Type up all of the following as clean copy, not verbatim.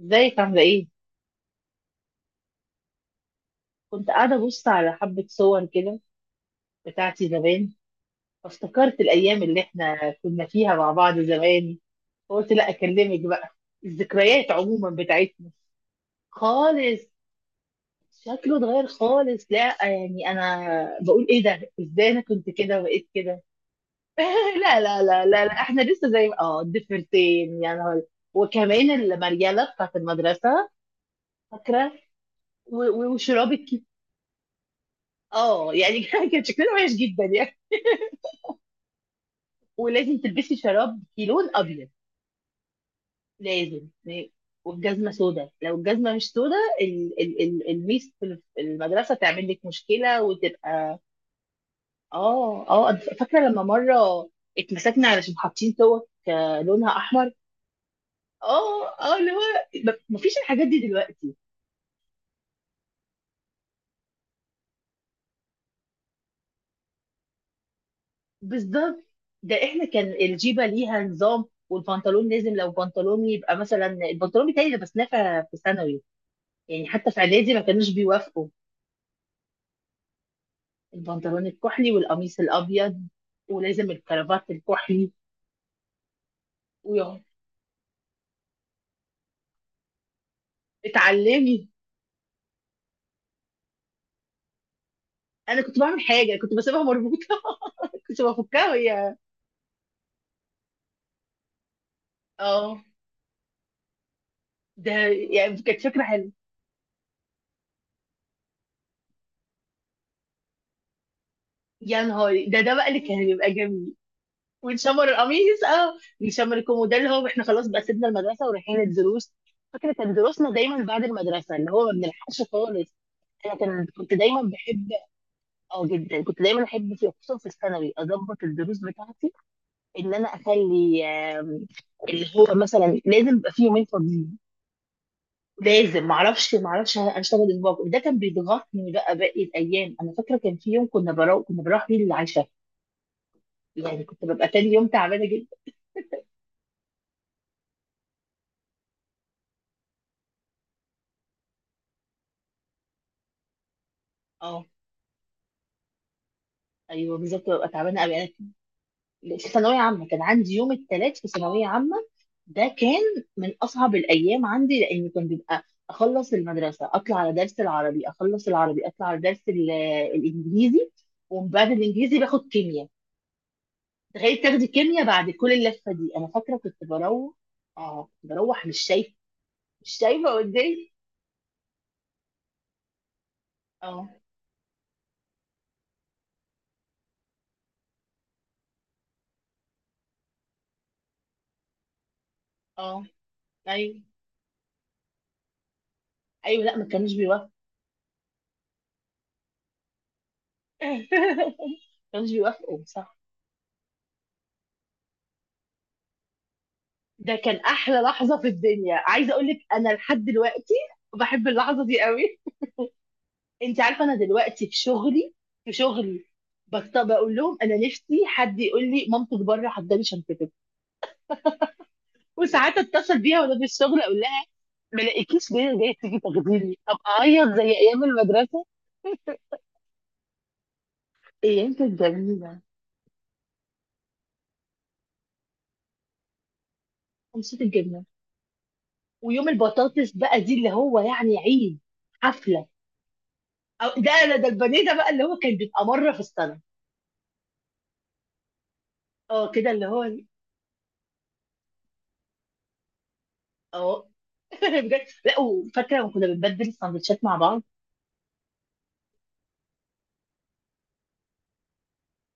ازيك عاملة ايه؟ كنت قاعدة أبص على حبة صور كده بتاعتي زمان، فافتكرت الأيام اللي احنا كنا فيها مع بعض زمان، فقلت لا أكلمك بقى. الذكريات عموما بتاعتنا. خالص. شكله اتغير خالص. لا يعني أنا بقول ايه ده؟ ازاي أنا كنت كده وبقيت كده؟ لا احنا لسه زي الضفيرتين، يعني هول. وكمان المريالة بتاعت المدرسة. فاكرة. و- و- وشراب الكي. اه يعني كان شكلنا وحش جدا يعني. ولازم تلبسي شراب لون ابيض. لازم. والجزمه سوداء. لو الجزمه مش سوداء، ال ال ال الميس في المدرسه تعمل لك مشكله وتبقى. اه، أنا فاكره لما مره اتمسكنا علشان حاطين توك لونها احمر. اه، اللي هو مفيش الحاجات دي دلوقتي. بالظبط. ده احنا كان الجيبه ليها نظام، والبنطلون لازم. لو بنطلون، يبقى مثلا البنطلون بتاعي لبسناه في ثانوي. يعني حتى في اعدادي ما كانوش بيوافقوا. البنطلون الكحلي والقميص الابيض، ولازم الكرافات الكحلي. ويوم اتعلمي. انا كنت بعمل حاجه، كنت بسيبها مربوطه. كنت بفكها وهي اه. ده يعني كانت فكره حلوه. يا نهاري، ده ده بقى اللي كان بيبقى جميل. ونشمر القميص، اه. نشمر الكومو، ده اللي هو احنا خلاص بقى سيبنا المدرسه ورايحين الدروس. فكره كان دروسنا دايما بعد المدرسه، اللي هو ما بنلحقش خالص. انا كنت دايما بحب. اه جدا. كنت دايما احب في خصوصا في الثانوي اظبط الدروس بتاعتي. ان انا اخلي اللي هو مثلا لازم يبقى فيه يومين فاضيين. لازم. معرفش اشتغل اسبوع كله. ده كان بيضغطني بقى باقي الايام. انا فاكره كان في يوم كنا بروح فيه للعشاء. يعني كنت ببقى تاني يوم تعبانه جدا. اه ايوه بالظبط، ببقى تعبانه قوي انا. في ثانويه عامه كان عندي يوم الثلاث في ثانويه عامه. ده كان من اصعب الايام عندي لان كان بيبقى اخلص المدرسه اطلع على درس العربي، اخلص العربي اطلع على درس الانجليزي، ومن بعد الانجليزي باخد كيمياء. تخيلي تاخدي كيمياء بعد كل اللفه دي. انا فاكره كنت بروح، اه كنت بروح مش شايفه، مش شايفه قدامي. اه اه ايوه ايوه. لا ما كانوش بيوافقوا. ما كانوش بيوافقوا، صح. ده كان احلى لحظه في الدنيا، عايزه اقول لك انا لحد دلوقتي بحب اللحظه دي قوي. انت عارفه انا دلوقتي في شغلي، في شغلي بقول لهم انا نفسي حد يقول لي مامتك بره، حضري شنطتك. وساعات اتصل بيها وانا في الشغل اقول لها ما لاقيكيش، ليه جاي تيجي تاخديني؟ ابقى اعيط زي ايام المدرسه. ايام كانت جميله. امسك الجبنه. ويوم البطاطس بقى دي اللي هو يعني عيد، حفله. أو ده انا ده البانيه ده بقى اللي هو كان بيبقى مره في السنه. اه كده اللي هو اه. بجد. لا وفاكره لما كنا بنبدل السندوتشات مع بعض.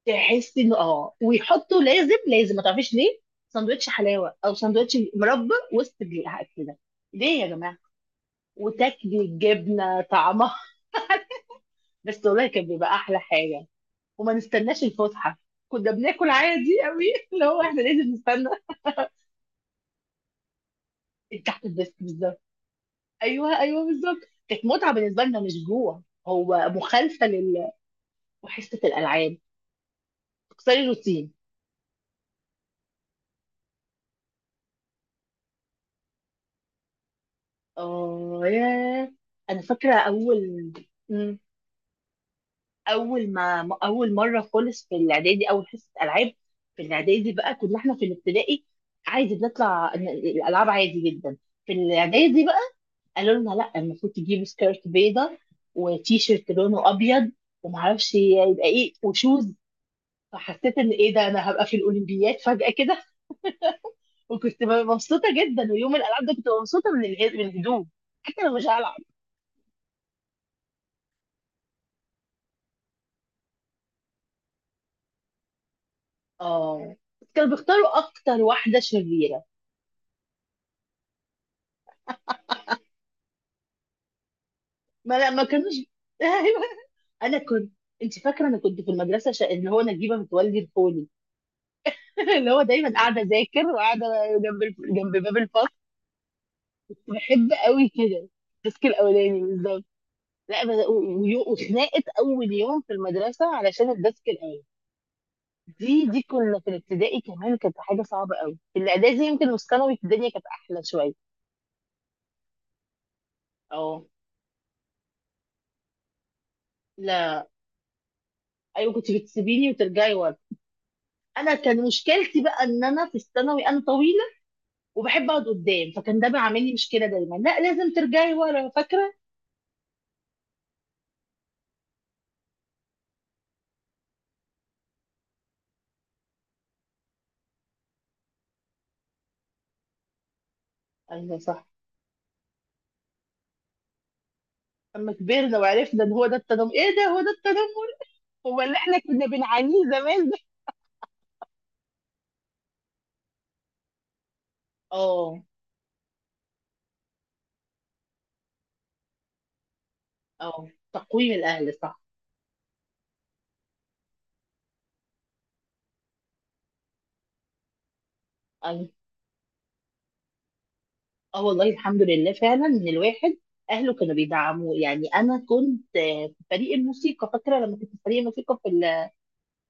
تحس انه اه، ويحطوا لازم لازم، ما تعرفيش ليه، سندوتش حلاوه او سندوتش مربى وسط الحاجات كده. ليه يا جماعه؟ وتاكلي الجبنه طعمها بس والله كان بيبقى احلى حاجه. وما نستناش الفسحه، كنا بناكل عادي قوي. اللي هو احنا لازم نستنى. تحت الديسك بالظبط. ايوه ايوه بالظبط. كانت متعه بالنسبه لنا، مش جوع. هو مخالفه لل. وحصه الالعاب، تكسري الروتين. اه يا، انا فاكره اول مم. اول ما اول مره خالص في الاعدادي اول حصه العاب. في الاعدادي بقى، كنا احنا في الابتدائي عادي بنطلع الالعاب عادي جدا. في الاعدادي بقى قالوا لنا لا، المفروض تجيبوا سكيرت بيضة، وتي شيرت لونه ابيض، ومعرفش يبقى ايه، وشوز. فحسيت ان ايه ده، انا هبقى في الاولمبياد فجأة كده. وكنت مبسوطة جدا. ويوم الالعاب ده كنت مبسوطة من من الهدوم، حتى لو مش هلعب. اه كانوا بيختاروا اكتر واحدة شريرة. ما لا ما كانوش. ايوه. انا كنت. انت فاكره انا كنت في المدرسه اللي هو نجيبه متولي الفوني. اللي هو دايما قاعده اذاكر وقاعده جنب جنب باب الفصل. بحب قوي كده. الديسك الاولاني بالظبط. لا بس- و- ويو- وخناقه اول يوم في المدرسه علشان الديسك الاول. دي كنا في الابتدائي كمان، كانت حاجه صعبه قوي. في الاعدادي يمكن والثانوي الدنيا كانت احلى شويه. اه. لا ايوه كنت بتسيبيني وترجعي ورا. انا كان مشكلتي بقى ان انا في الثانوي انا طويله وبحب اقعد قدام، فكان ده بيعمل لي مشكله دايما. لا لازم ترجعي ورا، فاكره. ايوه صح. لما كبرنا وعرفنا ان هو ده التنمر. ايه ده، هو ده التنمر. هو اللي احنا كنا بنعانيه زمان ده. اه اه. تقويم الاهل، صح. ايوه. اه والله الحمد لله فعلا ان الواحد اهله كانوا بيدعموه. يعني انا كنت في فريق الموسيقى. فاكره لما كنت في فريق الموسيقى في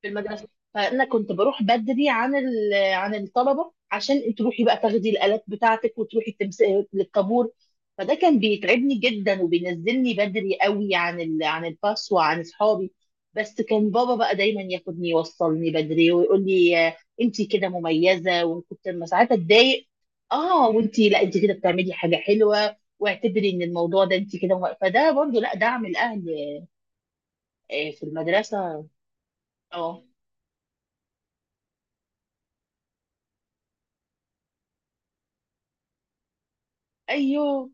في المدرسه، فانا كنت بروح بدري عن عن الطلبه عشان تروحي بقى تاخدي الالات بتاعتك وتروحي للطابور. فده كان بيتعبني جدا، وبينزلني بدري قوي عن عن الباص وعن اصحابي. بس كان بابا بقى دايما ياخدني يوصلني بدري ويقول لي انت كده مميزه. وكنت لما ساعات اتضايق اه، وانت لا انت كده بتعملي حاجه حلوه، واعتبري ان الموضوع ده انت كده فده برضو لا دعم الاهل. في المدرسه. اه ايوه.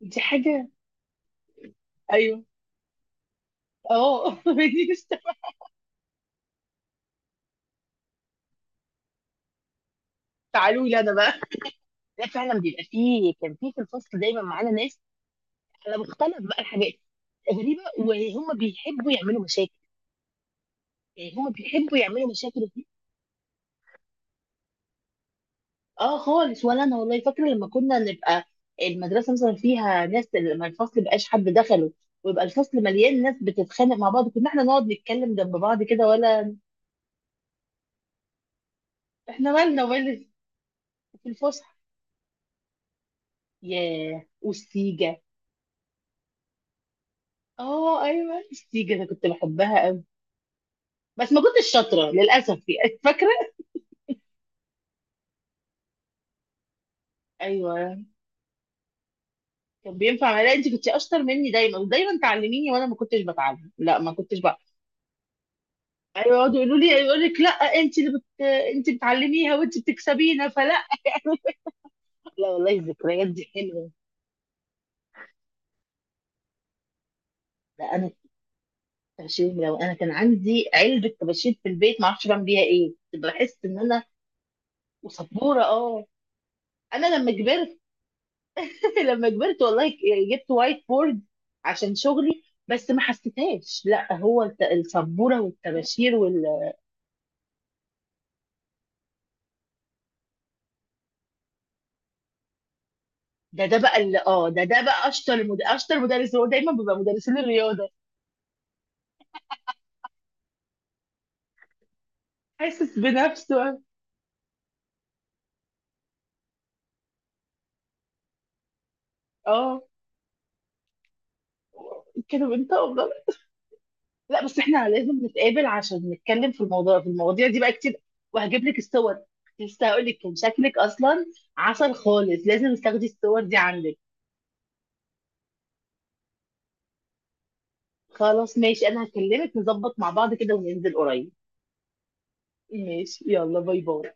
دي حاجة. ايوه اه دي مش- تعالوا لي انا بقى. لا فعلا بيبقى فيه، كان فيه في الفصل دايما معانا ناس على مختلف بقى الحاجات. غريبة وهم بيحبوا يعملوا مشاكل. يعني هم بيحبوا يعملوا مشاكل اه خالص. ولا انا والله فاكرة لما كنا نبقى المدرسة مثلا فيها ناس، لما الفصل مبقاش حد دخله ويبقى الفصل مليان ناس بتتخانق مع بعض، كنا احنا نقعد نتكلم جنب بعض كده ولا. احنا مالنا ولا. في الفسحة، ياه، والسيجة. اه ايوه السيج انا كنت بحبها قوي، بس ما كنتش شاطره للاسف يعني. فاكره. ايوه كان بينفع معايا. لا انت كنت اشطر مني دايما ودايما تعلميني، وانا ما كنتش بتعلم. لا ما كنتش بقى. ايوه يقعدوا يقولوا لي، يقول لك لا انت انت بتعلميها وانت بتكسبينا، فلا. لا والله الذكريات دي حلوه. لا انا الطباشير، لو انا كان عندي علبه طباشير في البيت ما اعرفش بعمل بيها ايه، كنت بحس ان انا. وسبوره، اه. انا لما كبرت، لما كبرت والله جبت وايت بورد عشان شغلي، بس ما حسيتهاش. لا هو السبوره والطباشير وال. ده بقى اللي اه، ده بقى اشطر اشطر مدرس. هو دايما بيبقى مدرسين الرياضه، حاسس بنفسه. اه كانوا بينطقوا بضل. لا بس احنا لازم نتقابل عشان نتكلم في الموضوع في المواضيع دي بقى كتير. وهجيب لك الصور. كنت لسه هقول لك كان شكلك اصلا عسل خالص، لازم تاخدي الصور دي عندك. خلاص ماشي، انا هكلمك نظبط مع بعض كده وننزل قريب. ماشي، يلا باي باي.